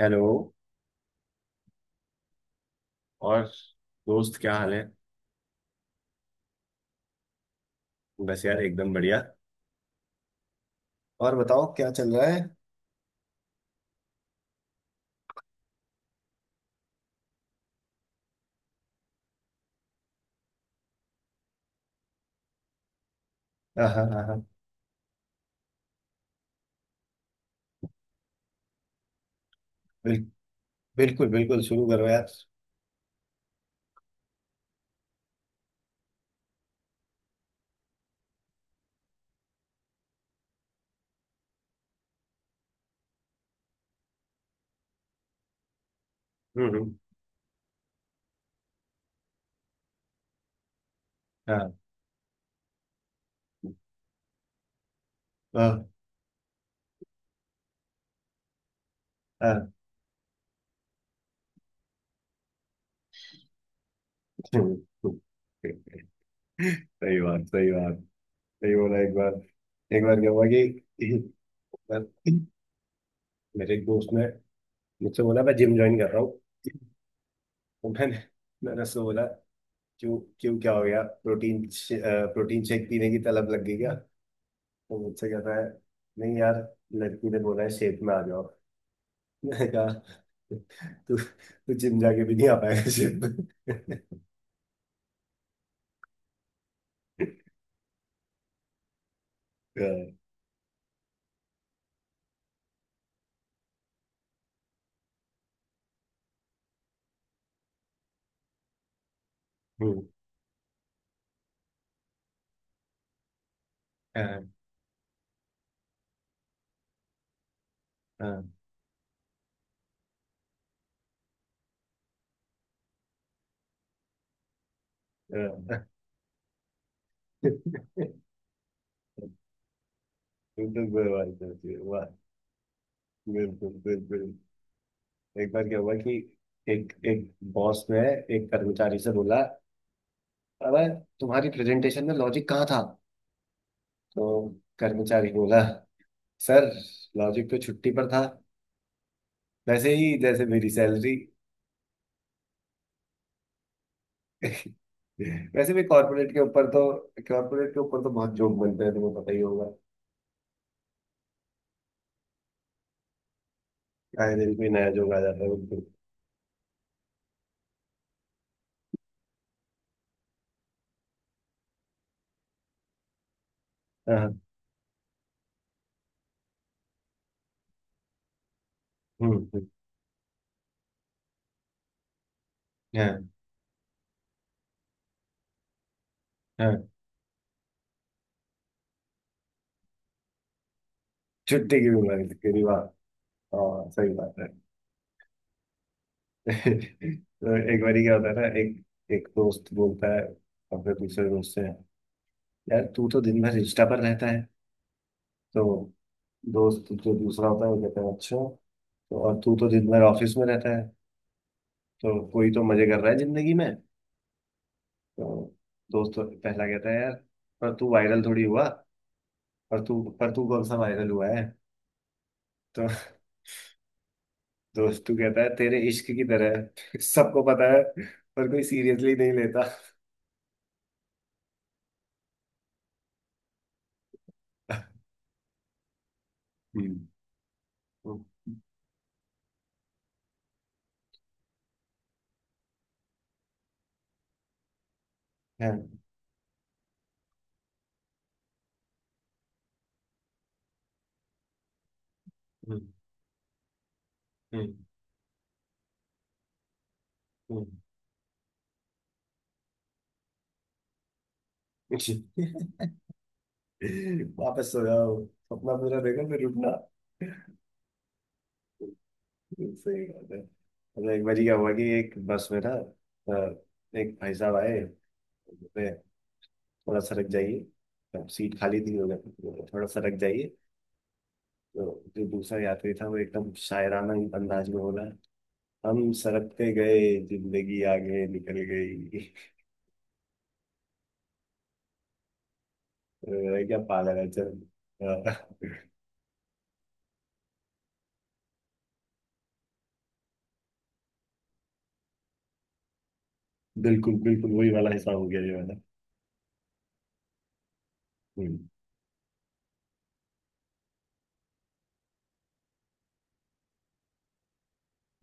Hello. और दोस्त क्या हाल है? बस यार एकदम बढ़िया। और बताओ क्या चल रहा है? हाँ हाँ हाँ हाँ, बिल, बिल्कुल बिल्कुल, शुरू करो यार। हम्म। हाँ हाँ हाँ। हम्म, हम्म। सही बात सही बात। सही बोला। एक बार, एक बार क्या हुआ कि एक बार मेरे एक दोस्त ने मुझसे बोला मैं जिम ज्वाइन कर रहा हूँ। तो मैंने मैंने उससे बोला क्यों क्यों क्या हो गया? प्रोटीन प्रोटीन शेक पीने की तलब लग गई क्या? तो मुझसे कह रहा है नहीं यार, लड़की ने बोला है शेप में आ जाओ। मैंने कहा तू तू जिम जाके भी नहीं आ पाएगा शेप में। हाँ। हम्म। हाँ। हाँ। हाँ। बिल्कुल बेवफाई करती है, वाह। बिल्कुल बिल्कुल। एक बार क्या हुआ कि एक एक बॉस ने एक कर्मचारी से बोला अबे, तुम्हारी प्रेजेंटेशन में लॉजिक कहाँ था? तो कर्मचारी बोला सर, लॉजिक तो छुट्टी पर था, वैसे ही जैसे मेरी सैलरी। वैसे भी कॉर्पोरेट के ऊपर तो कॉर्पोरेट के ऊपर तो बहुत जोक बनते हैं, तुम्हें पता ही होगा। आए दिन कोई नया जोक आ जाता है, बिल्कुल। हाँ। हम्म। हाँ हाँ। छुट्टी की बीमारी की रिवाज। हाँ सही बात है। तो एक बारी क्या होता है ना, एक एक दोस्त बोलता है अपने दूसरे दोस्त से यार तू तो दिन भर इंस्टा पर रहता है। तो दोस्त जो दूसरा होता है वो कहता है अच्छा, तो और तू तो दिन भर ऑफिस में रहता है, तो कोई तो मजे कर रहा है जिंदगी में। तो दोस्त तो पहला कहता है यार, पर तू वायरल थोड़ी हुआ, पर तू पर तू कौन सा वायरल हुआ है? तो दोस्त तू कहता है तेरे इश्क की तरह है। सबको पता है पर कोई सीरियसली नहीं लेता। हम्म हम्म। हम्म। हम्म। हम्म। वापस सो जाओ, अपना पूरा देखो फिर उठना। सही बात है। मतलब एक बार क्या हुआ कि एक बस में ना, अ, एक भाई साहब आए, बोले थोड़ा सरक जाइए। अब सीट खाली थी, उन्होंने बोला, थोड़ा सरक जाइए। जो जो दूसरा यात्री था वो एकदम शायराना अंदाज में बोला हम सरकते गए, जिंदगी आगे निकल गई। अरे क्या पागल है चल। अ, बिल्कुल बिल्कुल, वही वाला हिसाब हो गया ये वाला। हम्म,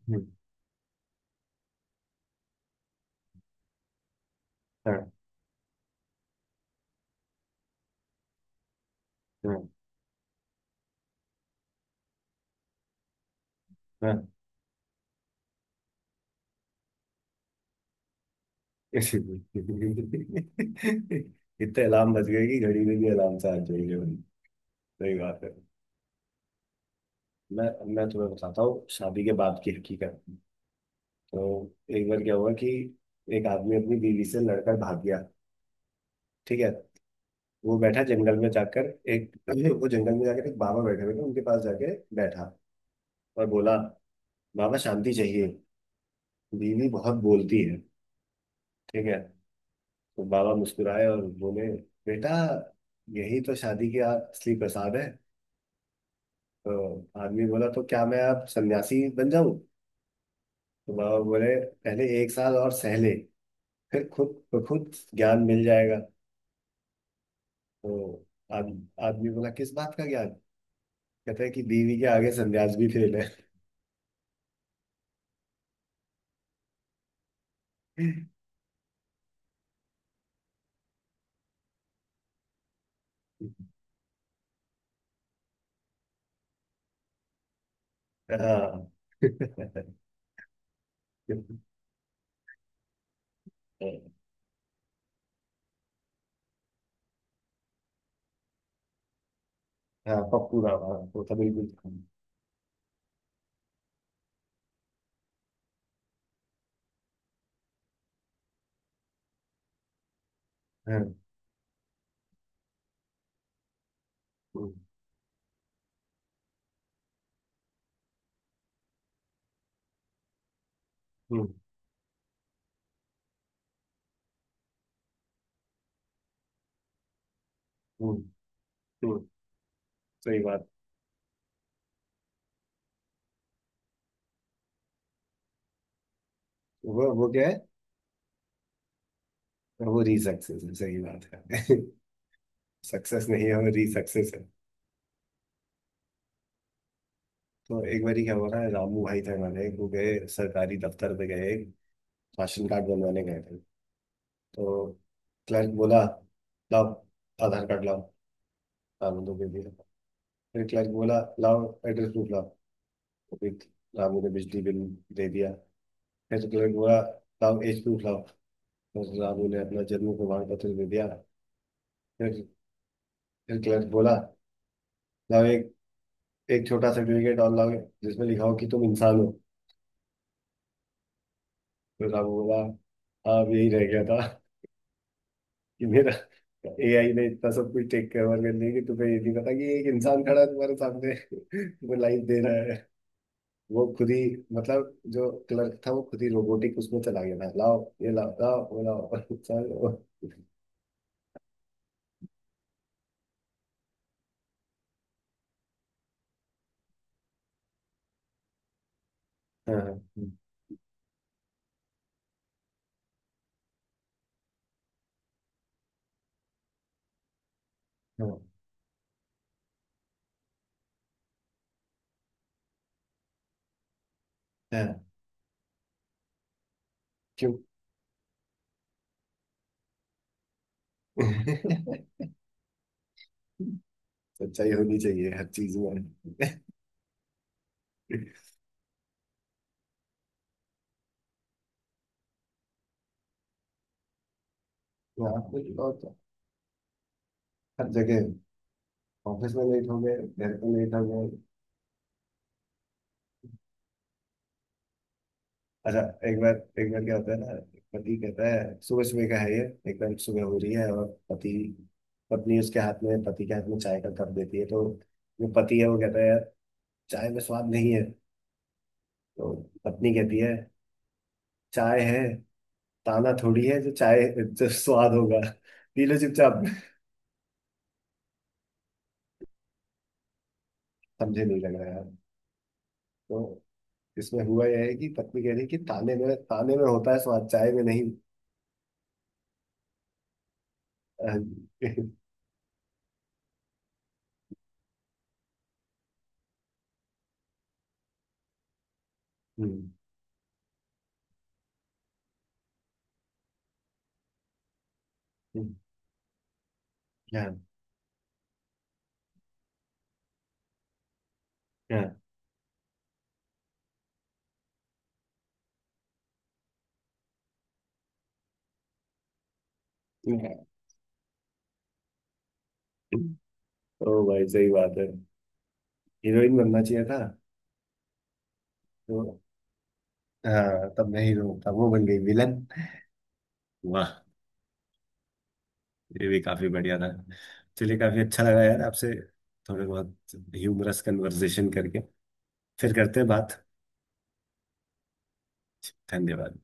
हम्म। हाँ हाँ हाँ। इतने अलार्म बज गए कि घड़ी में भी अलार्म से आ जाएंगे। सही बात है। मैं तुम्हें बताता हूँ शादी के बाद की हकीकत। तो एक बार क्या हुआ कि एक आदमी अपनी बीवी से लड़कर भाग गया, ठीक है। वो बैठा जंगल में जाकर, एक वो जंगल में जाकर एक बाबा बैठे हुए थे उनके पास जाके बैठा और बोला बाबा शांति चाहिए, बीवी बहुत बोलती है, ठीक है। तो बाबा मुस्कुराए और बोले बेटा, यही तो शादी की असली प्रसाद है। तो आदमी बोला तो क्या मैं अब सन्यासी बन जाऊं? तो बाबा बोले पहले एक साल और सह ले, फिर खुद खुद ज्ञान मिल जाएगा। तो आदमी बोला किस बात का ज्ञान? कहता है कि बीवी के आगे सन्यास भी फेल है। ああ。ああ、ポップだわ。こう食べるべきかもうん。うん。うん。うん。うん。सही बात। वो क्या है, वो री सक्सेस है, सही बात है। सक्सेस नहीं है, वो री सक्सेस है। तो एक बार क्या हुआ था, रामू भाई थे हमारे, वो गए सरकारी दफ्तर पे गए राशन कार्ड बनवाने गए थे। तो क्लर्क बोला लाओ, आधार कार्ड लाओ। रामू ने दे दिया। फिर क्लर्क बोला लाओ एड्रेस प्रूफ लाओ। तो फिर रामू ने बिजली बिल दे दिया। एक्सक्लेम हुआ, साहब एच टू साहब, डॉक्टर साहब ने अपना जन्म प्रमाण पत्र दे दिया। फिर फिर क्लर्क बोला लाओ, एक एक छोटा सर्टिफिकेट और लाओ जिसमें लिखा हो कि तुम इंसान हो। तो साहब बोला हाँ, अब यही रह गया था कि मेरा एआई ने इतना सब कुछ टेक कवर कर लिया कि तुम्हें ये नहीं पता कि एक इंसान खड़ा है तुम्हारे सामने। वो लाइफ दे रहा है, वो खुद ही, मतलब जो क्लर्क था वो खुद ही रोबोटिक उसमें चला गया था, लाओ ये लाओ, लाओ वो लाओ। सारे वो- हाँ हाँ हाँ हाँ, क्यों। सच्चाई होनी चाहिए हर चीज में। यहाँ पे और तो। हर जगह ऑफिस में लेट हो गए, घर पे लेट हो गए। अच्छा, एक बार, एक बार क्या होता है ना, पति कहता है, सुबह सुबह का है ये, एकदम सुबह हो रही है और पति पत्नी उसके हाथ में पति के हाथ में चाय का कप देती है तो जो पति है वो कहता है यार, चाय में स्वाद नहीं है। तो पत्नी कहती है चाय है, ताना थोड़ी है जो चाय जो स्वाद होगा, पी लो चुपचाप। समझे नहीं लग रहा यार। तो इसमें हुआ यह है कि पत्नी कह रही कि ताने में होता है स्वाद, चाय में नहीं। अह, हम्म, हम्म। हाँ हाँ। हम्म। ओ भाई सही बात है, हीरोइन बनना चाहिए था। तो हाँ तब मैं हीरो था, वो बन गई विलन। वाह। ये भी काफी बढ़िया था। चलिए काफी अच्छा लगा यार आपसे, थोड़े बहुत ह्यूमरस कन्वर्सेशन करके। फिर करते हैं बात। धन्यवाद।